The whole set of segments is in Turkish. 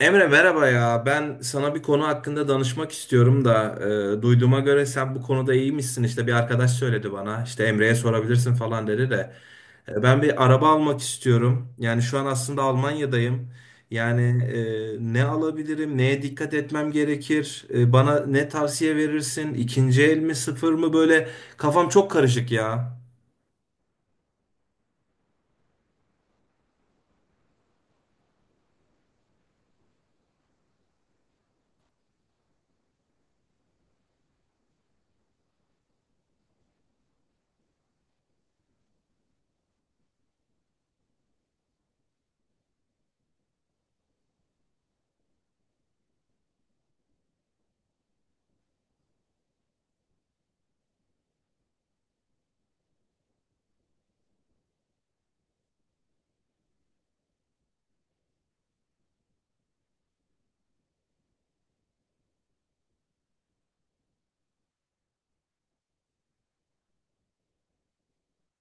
Emre merhaba ya. Ben sana bir konu hakkında danışmak istiyorum da duyduğuma göre sen bu konuda iyiymişsin. İşte bir arkadaş söyledi bana. İşte Emre'ye sorabilirsin falan dedi de. Ben bir araba almak istiyorum. Yani şu an aslında Almanya'dayım. Yani ne alabilirim? Neye dikkat etmem gerekir? Bana ne tavsiye verirsin? İkinci el mi, sıfır mı? Böyle kafam çok karışık ya.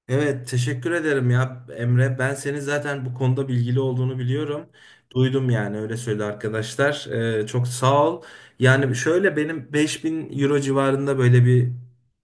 Evet, teşekkür ederim ya Emre. Ben senin zaten bu konuda bilgili olduğunu biliyorum. Duydum yani öyle söyledi arkadaşlar. Çok sağ ol. Yani şöyle benim 5000 euro civarında böyle bir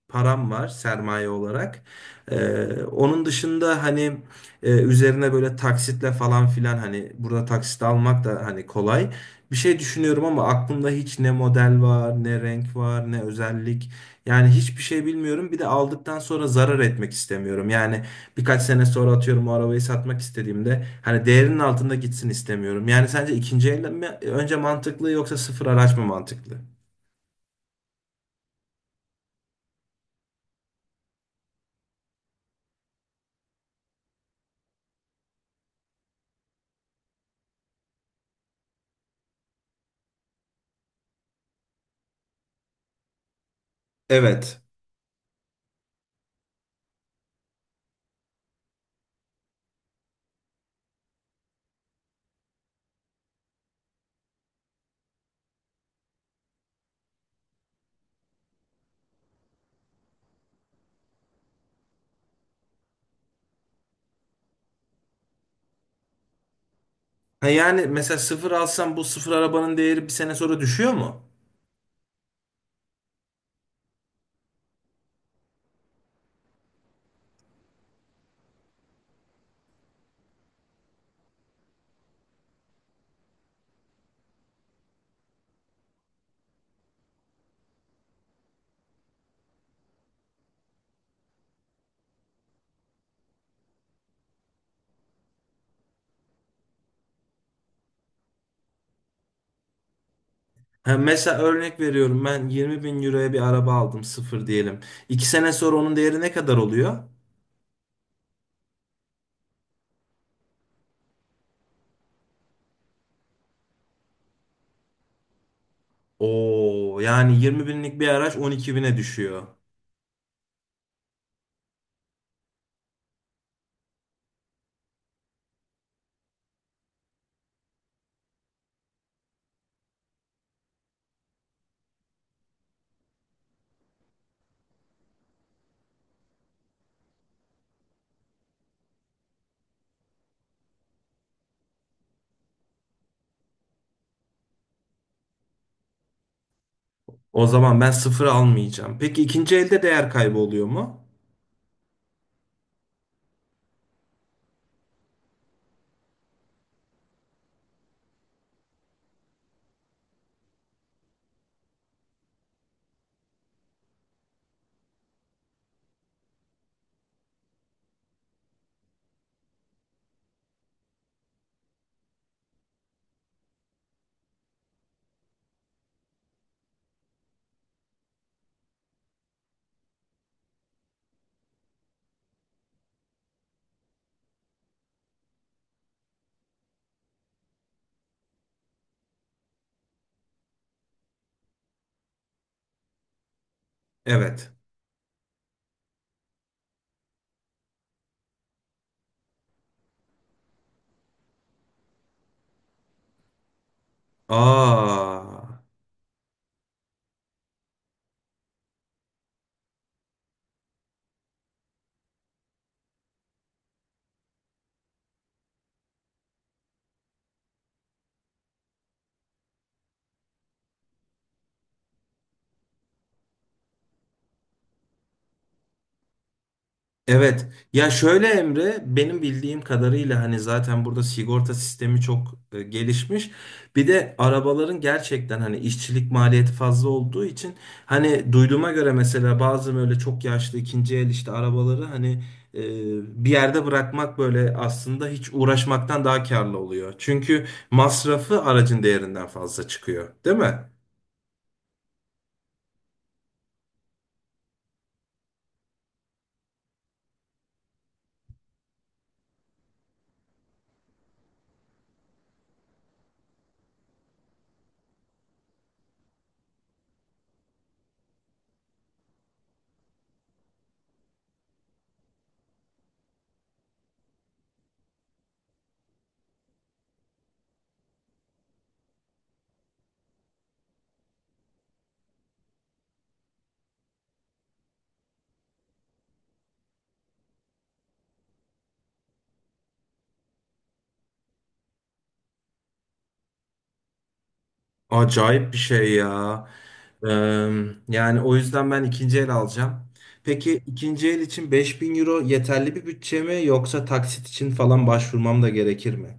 param var sermaye olarak. Onun dışında hani üzerine böyle taksitle falan filan hani burada taksit almak da hani kolay. Bir şey düşünüyorum ama aklımda hiç ne model var, ne renk var, ne özellik. Yani hiçbir şey bilmiyorum. Bir de aldıktan sonra zarar etmek istemiyorum. Yani birkaç sene sonra atıyorum o arabayı satmak istediğimde hani değerinin altında gitsin istemiyorum. Yani sence ikinci el mi önce mantıklı yoksa sıfır araç mı mantıklı? Evet. Ha yani mesela sıfır alsam bu sıfır arabanın değeri bir sene sonra düşüyor mu? Ha mesela örnek veriyorum ben 20 bin euroya bir araba aldım sıfır diyelim. İki sene sonra onun değeri ne kadar oluyor? Oo yani 20 binlik bir araç 12 bine düşüyor. O zaman ben sıfır almayacağım. Peki ikinci elde değer kaybı oluyor mu? Evet. Aa. Evet. Ya şöyle Emre, benim bildiğim kadarıyla hani zaten burada sigorta sistemi çok gelişmiş. Bir de arabaların gerçekten hani işçilik maliyeti fazla olduğu için hani duyduğuma göre mesela bazı böyle çok yaşlı ikinci el işte arabaları hani e, bir yerde bırakmak böyle aslında hiç uğraşmaktan daha karlı oluyor. Çünkü masrafı aracın değerinden fazla çıkıyor, değil mi? Acayip bir şey ya. Ee, yani o yüzden ben ikinci el alacağım. Peki ikinci el için 5000 euro yeterli bir bütçe mi yoksa taksit için falan başvurmam da gerekir mi?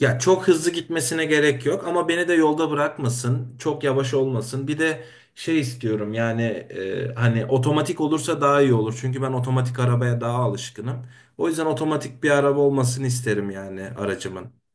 Ya çok hızlı gitmesine gerek yok ama beni de yolda bırakmasın, çok yavaş olmasın. Bir de şey istiyorum yani hani otomatik olursa daha iyi olur. Çünkü ben otomatik arabaya daha alışkınım. O yüzden otomatik bir araba olmasını isterim yani aracımın.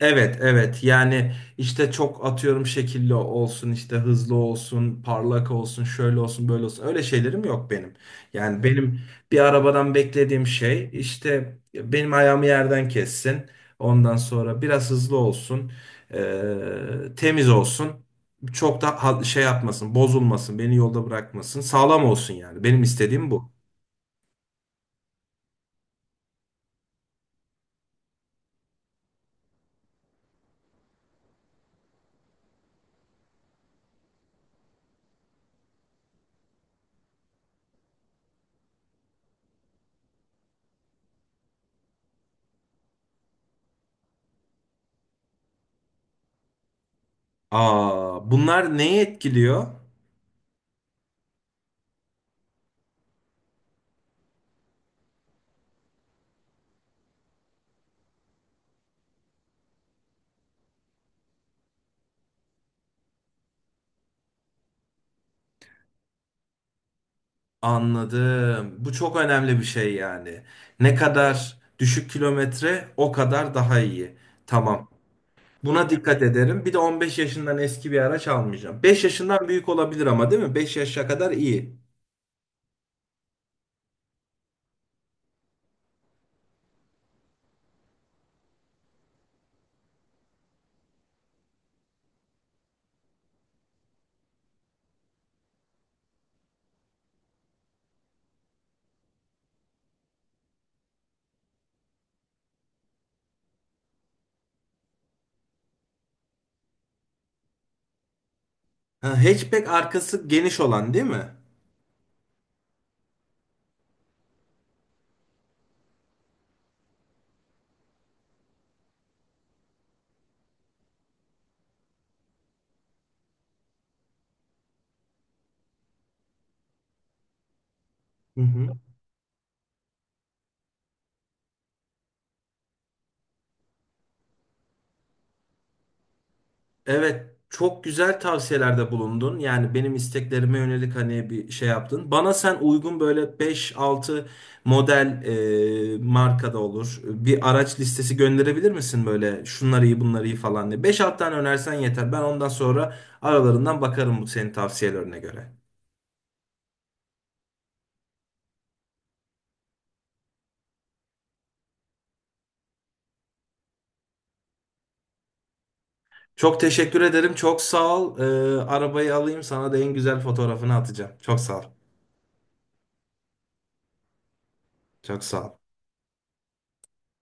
Evet, evet. Yani işte çok atıyorum şekilli olsun, işte hızlı olsun, parlak olsun, şöyle olsun, böyle olsun. Öyle şeylerim yok benim. Yani benim bir arabadan beklediğim şey işte benim ayağımı yerden kessin. Ondan sonra biraz hızlı olsun, temiz olsun. Çok da şey yapmasın, bozulmasın, beni yolda bırakmasın. Sağlam olsun yani. Benim istediğim bu. Aa, bunlar neyi etkiliyor? Anladım. Bu çok önemli bir şey yani. Ne kadar düşük kilometre o kadar daha iyi. Tamam. Buna dikkat ederim. Bir de 15 yaşından eski bir araç almayacağım. 5 yaşından büyük olabilir ama değil mi? 5 yaşa kadar iyi. Ha, hatchback arkası geniş olan değil mi? Hı hı. Evet, çok güzel tavsiyelerde bulundun. Yani benim isteklerime yönelik hani bir şey yaptın. Bana sen uygun böyle beş altı model markada olur. Bir araç listesi gönderebilir misin böyle şunları iyi bunları iyi falan diye. Beş 6 tane önersen yeter. Ben ondan sonra aralarından bakarım bu senin tavsiyelerine göre. Çok teşekkür ederim. Çok sağ ol. Arabayı alayım sana da en güzel fotoğrafını atacağım. Çok sağ ol. Çok sağ ol.